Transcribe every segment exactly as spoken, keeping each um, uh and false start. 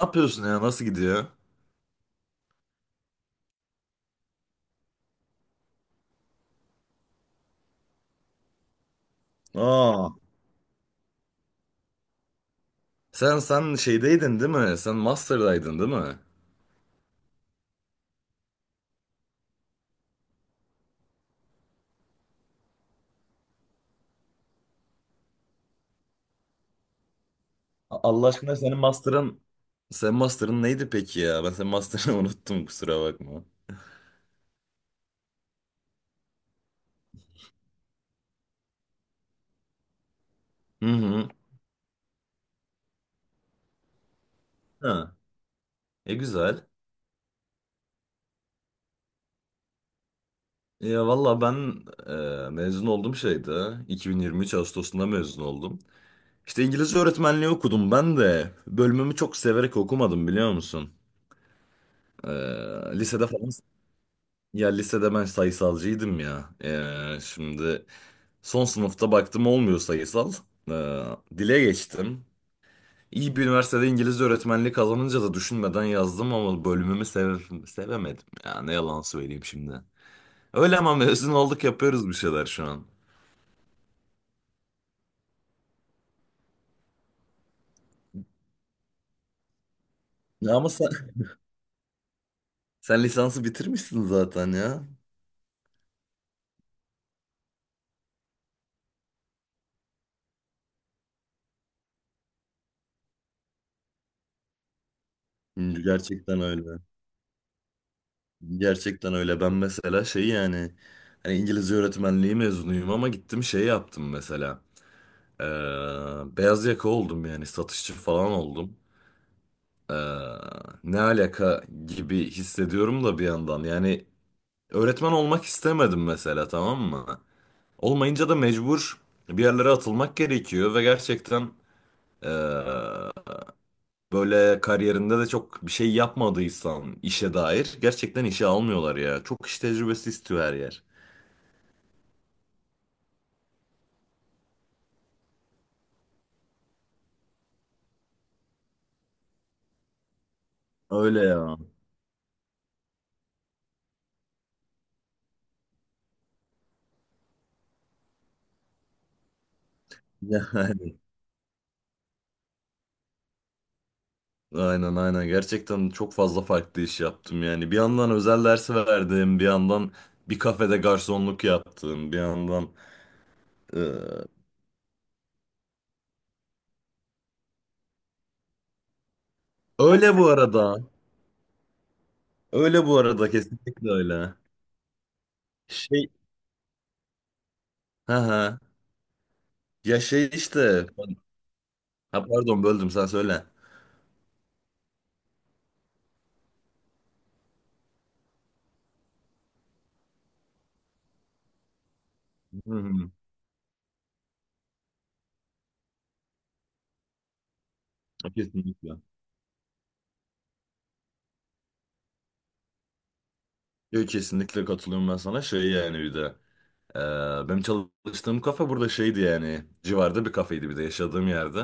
Ne yapıyorsun ya? Nasıl gidiyor? Aa, Sen sen şeydeydin değil mi? Sen master'daydın değil mi? A- Allah aşkına senin master'ın sen master'ın neydi peki ya? Ben senin master'ını unuttum, kusura bakma. Hı hı. Ha. E güzel. Ya valla ben e, mezun oldum şeyde. iki bin yirmi üç Ağustos'unda mezun oldum. İşte İngilizce öğretmenliği okudum ben de. Bölümümü çok severek okumadım, biliyor musun? E, lisede falan ya lisede ben sayısalcıydım ya. E, şimdi son sınıfta baktım olmuyor sayısal. Ee, dile geçtim. İyi bir üniversitede İngilizce öğretmenliği kazanınca da düşünmeden yazdım ama bölümümü sev- sevemedim. Ya ne yalan söyleyeyim şimdi. Öyle ama mezun olduk, yapıyoruz bir şeyler şu an. Ya ama sen, sen lisansı bitirmişsin zaten ya. Gerçekten öyle. Gerçekten öyle. Ben mesela şey yani hani İngilizce öğretmenliği mezunuyum ama gittim şey yaptım mesela. Ee, beyaz yaka oldum, yani satışçı falan oldum. Ee, ne alaka gibi hissediyorum da bir yandan. Yani öğretmen olmak istemedim mesela, tamam mı? Olmayınca da mecbur bir yerlere atılmak gerekiyor ve gerçekten ee, böyle kariyerinde de çok bir şey yapmadıysan işe dair, gerçekten işe almıyorlar ya. Çok iş tecrübesi istiyor her yer. Öyle ya. Yani. Aynen, aynen, gerçekten çok fazla farklı iş yaptım yani. Bir yandan özel dersi verdim, bir yandan bir kafede garsonluk yaptım, bir yandan... Öyle bu arada. Öyle bu arada, kesinlikle öyle. Şey, ha ha. Ya şey işte. Ha pardon, böldüm, sen söyle. Hı hı. Kesinlikle. Yok, kesinlikle katılıyorum ben sana. Şey yani bir de. E, benim çalıştığım kafe burada şeydi yani. Civarda bir kafeydi, bir de yaşadığım yerde.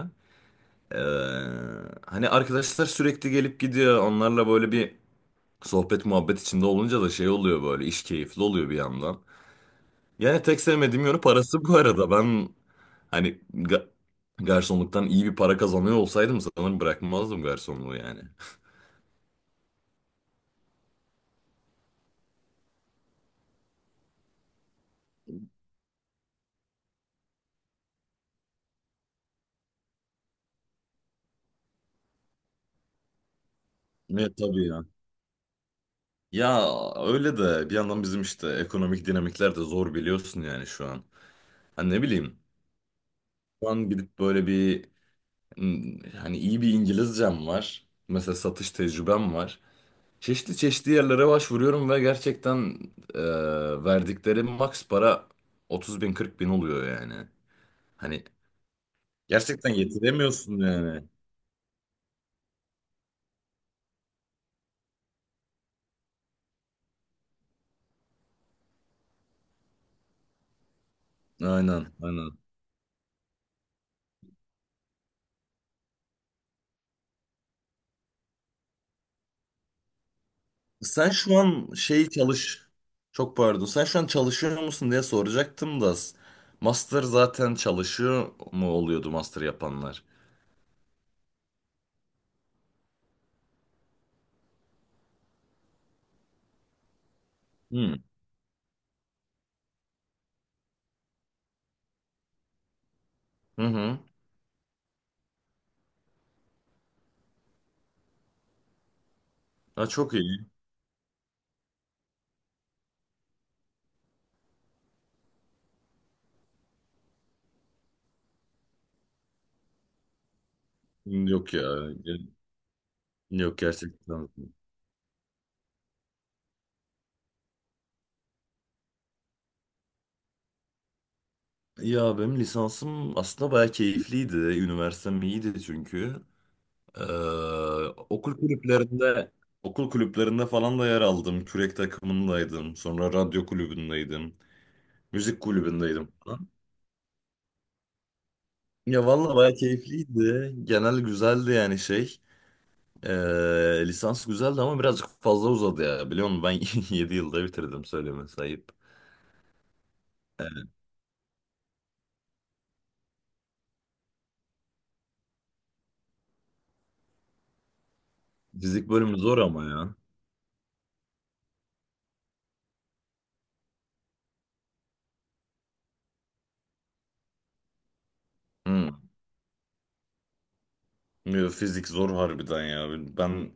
E, hani arkadaşlar sürekli gelip gidiyor. Onlarla böyle bir sohbet muhabbet içinde olunca da şey oluyor böyle. İş keyifli oluyor bir yandan. Yani tek sevmediğim yönü parası bu arada. Ben, hani, ga- garsonluktan iyi bir para kazanıyor olsaydım sanırım bırakmazdım garsonluğu yani. Evet, tabii ya. Ya öyle de bir yandan bizim işte ekonomik dinamikler de zor, biliyorsun yani şu an. Hani ne bileyim şu an gidip böyle bir hmm, hani, iyi bir İngilizcem var. Mesela satış tecrübem var. Çeşitli çeşitli yerlere başvuruyorum ve gerçekten e, verdikleri maks para otuz bin kırk bin oluyor yani. Hani gerçekten yetiremiyorsun yani. Aynen, aynen. Sen şu an şey çalış. Çok pardon. Sen şu an çalışıyor musun diye soracaktım da. Master zaten çalışıyor mu oluyordu, master yapanlar? Hmm. Hı hı. Ha, çok iyi. Yok ya. Yok gerçekten. Ya benim lisansım aslında bayağı keyifliydi. Üniversitem iyiydi çünkü. Ee, okul kulüplerinde okul kulüplerinde falan da yer aldım. Kürek takımındaydım. Sonra radyo kulübündeydim. Müzik kulübündeydim. Ya vallahi bayağı keyifliydi. Genel güzeldi yani şey. Ee, lisans güzeldi ama birazcık fazla uzadı ya. Biliyor musun, ben yedi yılda bitirdim, söylemesi ayıp. Ee, fizik bölümü zor ama ya. Hı. Yo, fizik zor harbiden ya. Ben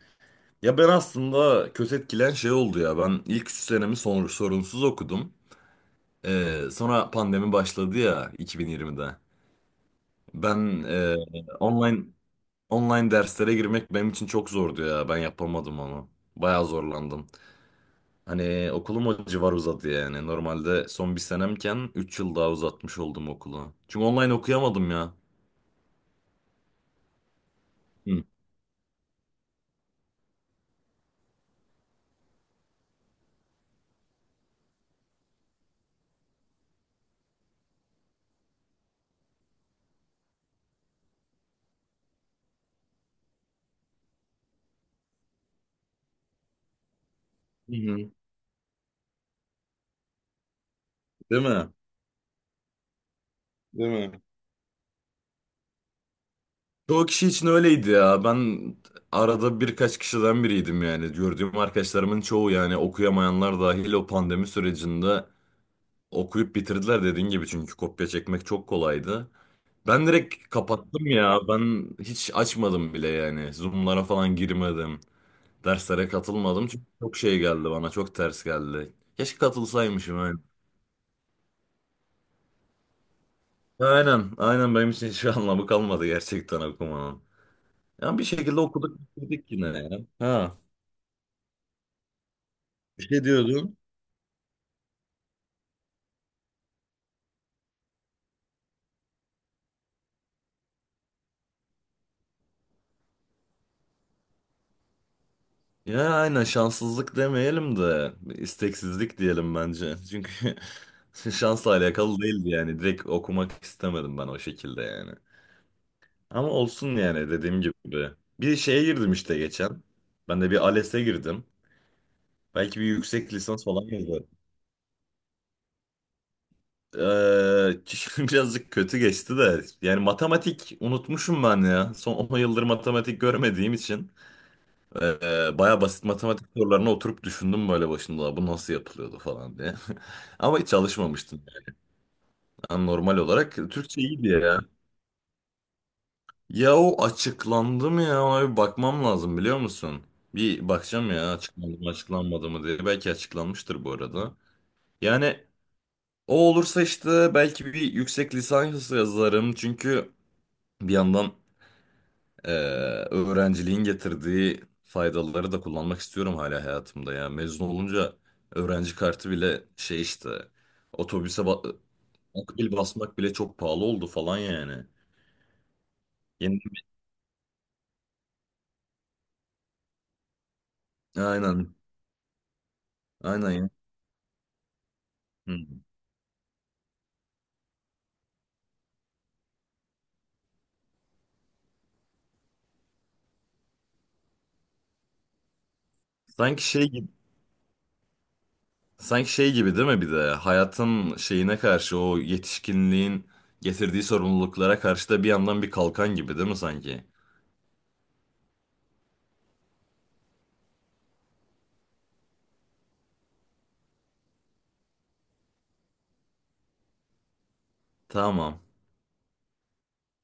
ya ben aslında kötü etkilen şey oldu ya. Ben ilk üç senemi son, sorunsuz okudum. Ee, sonra pandemi başladı ya iki bin yirmide. Ben e, online online derslere girmek benim için çok zordu ya. Ben yapamadım onu. Bayağı zorlandım. Hani okulum o civar uzadı yani. Normalde son bir senemken üç yıl daha uzatmış oldum okulu. Çünkü online okuyamadım ya. Hı. Hı hı. Değil mi? Değil mi? Çoğu kişi için öyleydi ya. Ben arada birkaç kişiden biriydim yani. Gördüğüm arkadaşlarımın çoğu, yani okuyamayanlar dahil, o pandemi sürecinde okuyup bitirdiler dediğin gibi. Çünkü kopya çekmek çok kolaydı. Ben direkt kapattım ya. Ben hiç açmadım bile yani. Zoom'lara falan girmedim. Derslere katılmadım çünkü çok şey geldi bana, çok ters geldi. Keşke katılsaymışım, aynen. Aynen, aynen, benim için hiçbir anlamı kalmadı gerçekten okumanın. Yani bir şekilde okuduk bitirdik yine ya. Ha, bir şey diyordun. Ya aynen, şanssızlık demeyelim de bir isteksizlik diyelim bence. Çünkü şansla alakalı değildi yani, direkt okumak istemedim ben o şekilde yani. Ama olsun yani, dediğim gibi. Bir şeye girdim işte geçen. Ben de bir ALES'e girdim. Belki bir yüksek lisans falan yazarım. Eee, birazcık kötü geçti de, yani matematik unutmuşum ben ya, son on yıldır matematik görmediğim için eee baya basit matematik sorularına oturup düşündüm, böyle başında bu nasıl yapılıyordu falan diye. Ama hiç çalışmamıştım yani, normal olarak Türkçe iyiydi ya. Ya o açıklandı mı, ya ona bir bakmam lazım, biliyor musun? Bir bakacağım, ya açıklandı mı açıklanmadı mı diye. Belki açıklanmıştır bu arada. Yani o olursa işte belki bir yüksek lisans yazarım, çünkü bir yandan Ee, öğrenciliğin getirdiği faydaları da kullanmak istiyorum hala hayatımda ya. Mezun olunca öğrenci kartı bile şey işte, otobüse ba- akbil basmak bile çok pahalı oldu falan yani. Yeni... Aynen. Aynen ya. Hı. Sanki şey gibi sanki şey gibi değil mi, bir de hayatın şeyine karşı, o yetişkinliğin getirdiği sorumluluklara karşı da bir yandan bir kalkan gibi değil mi sanki? Tamam.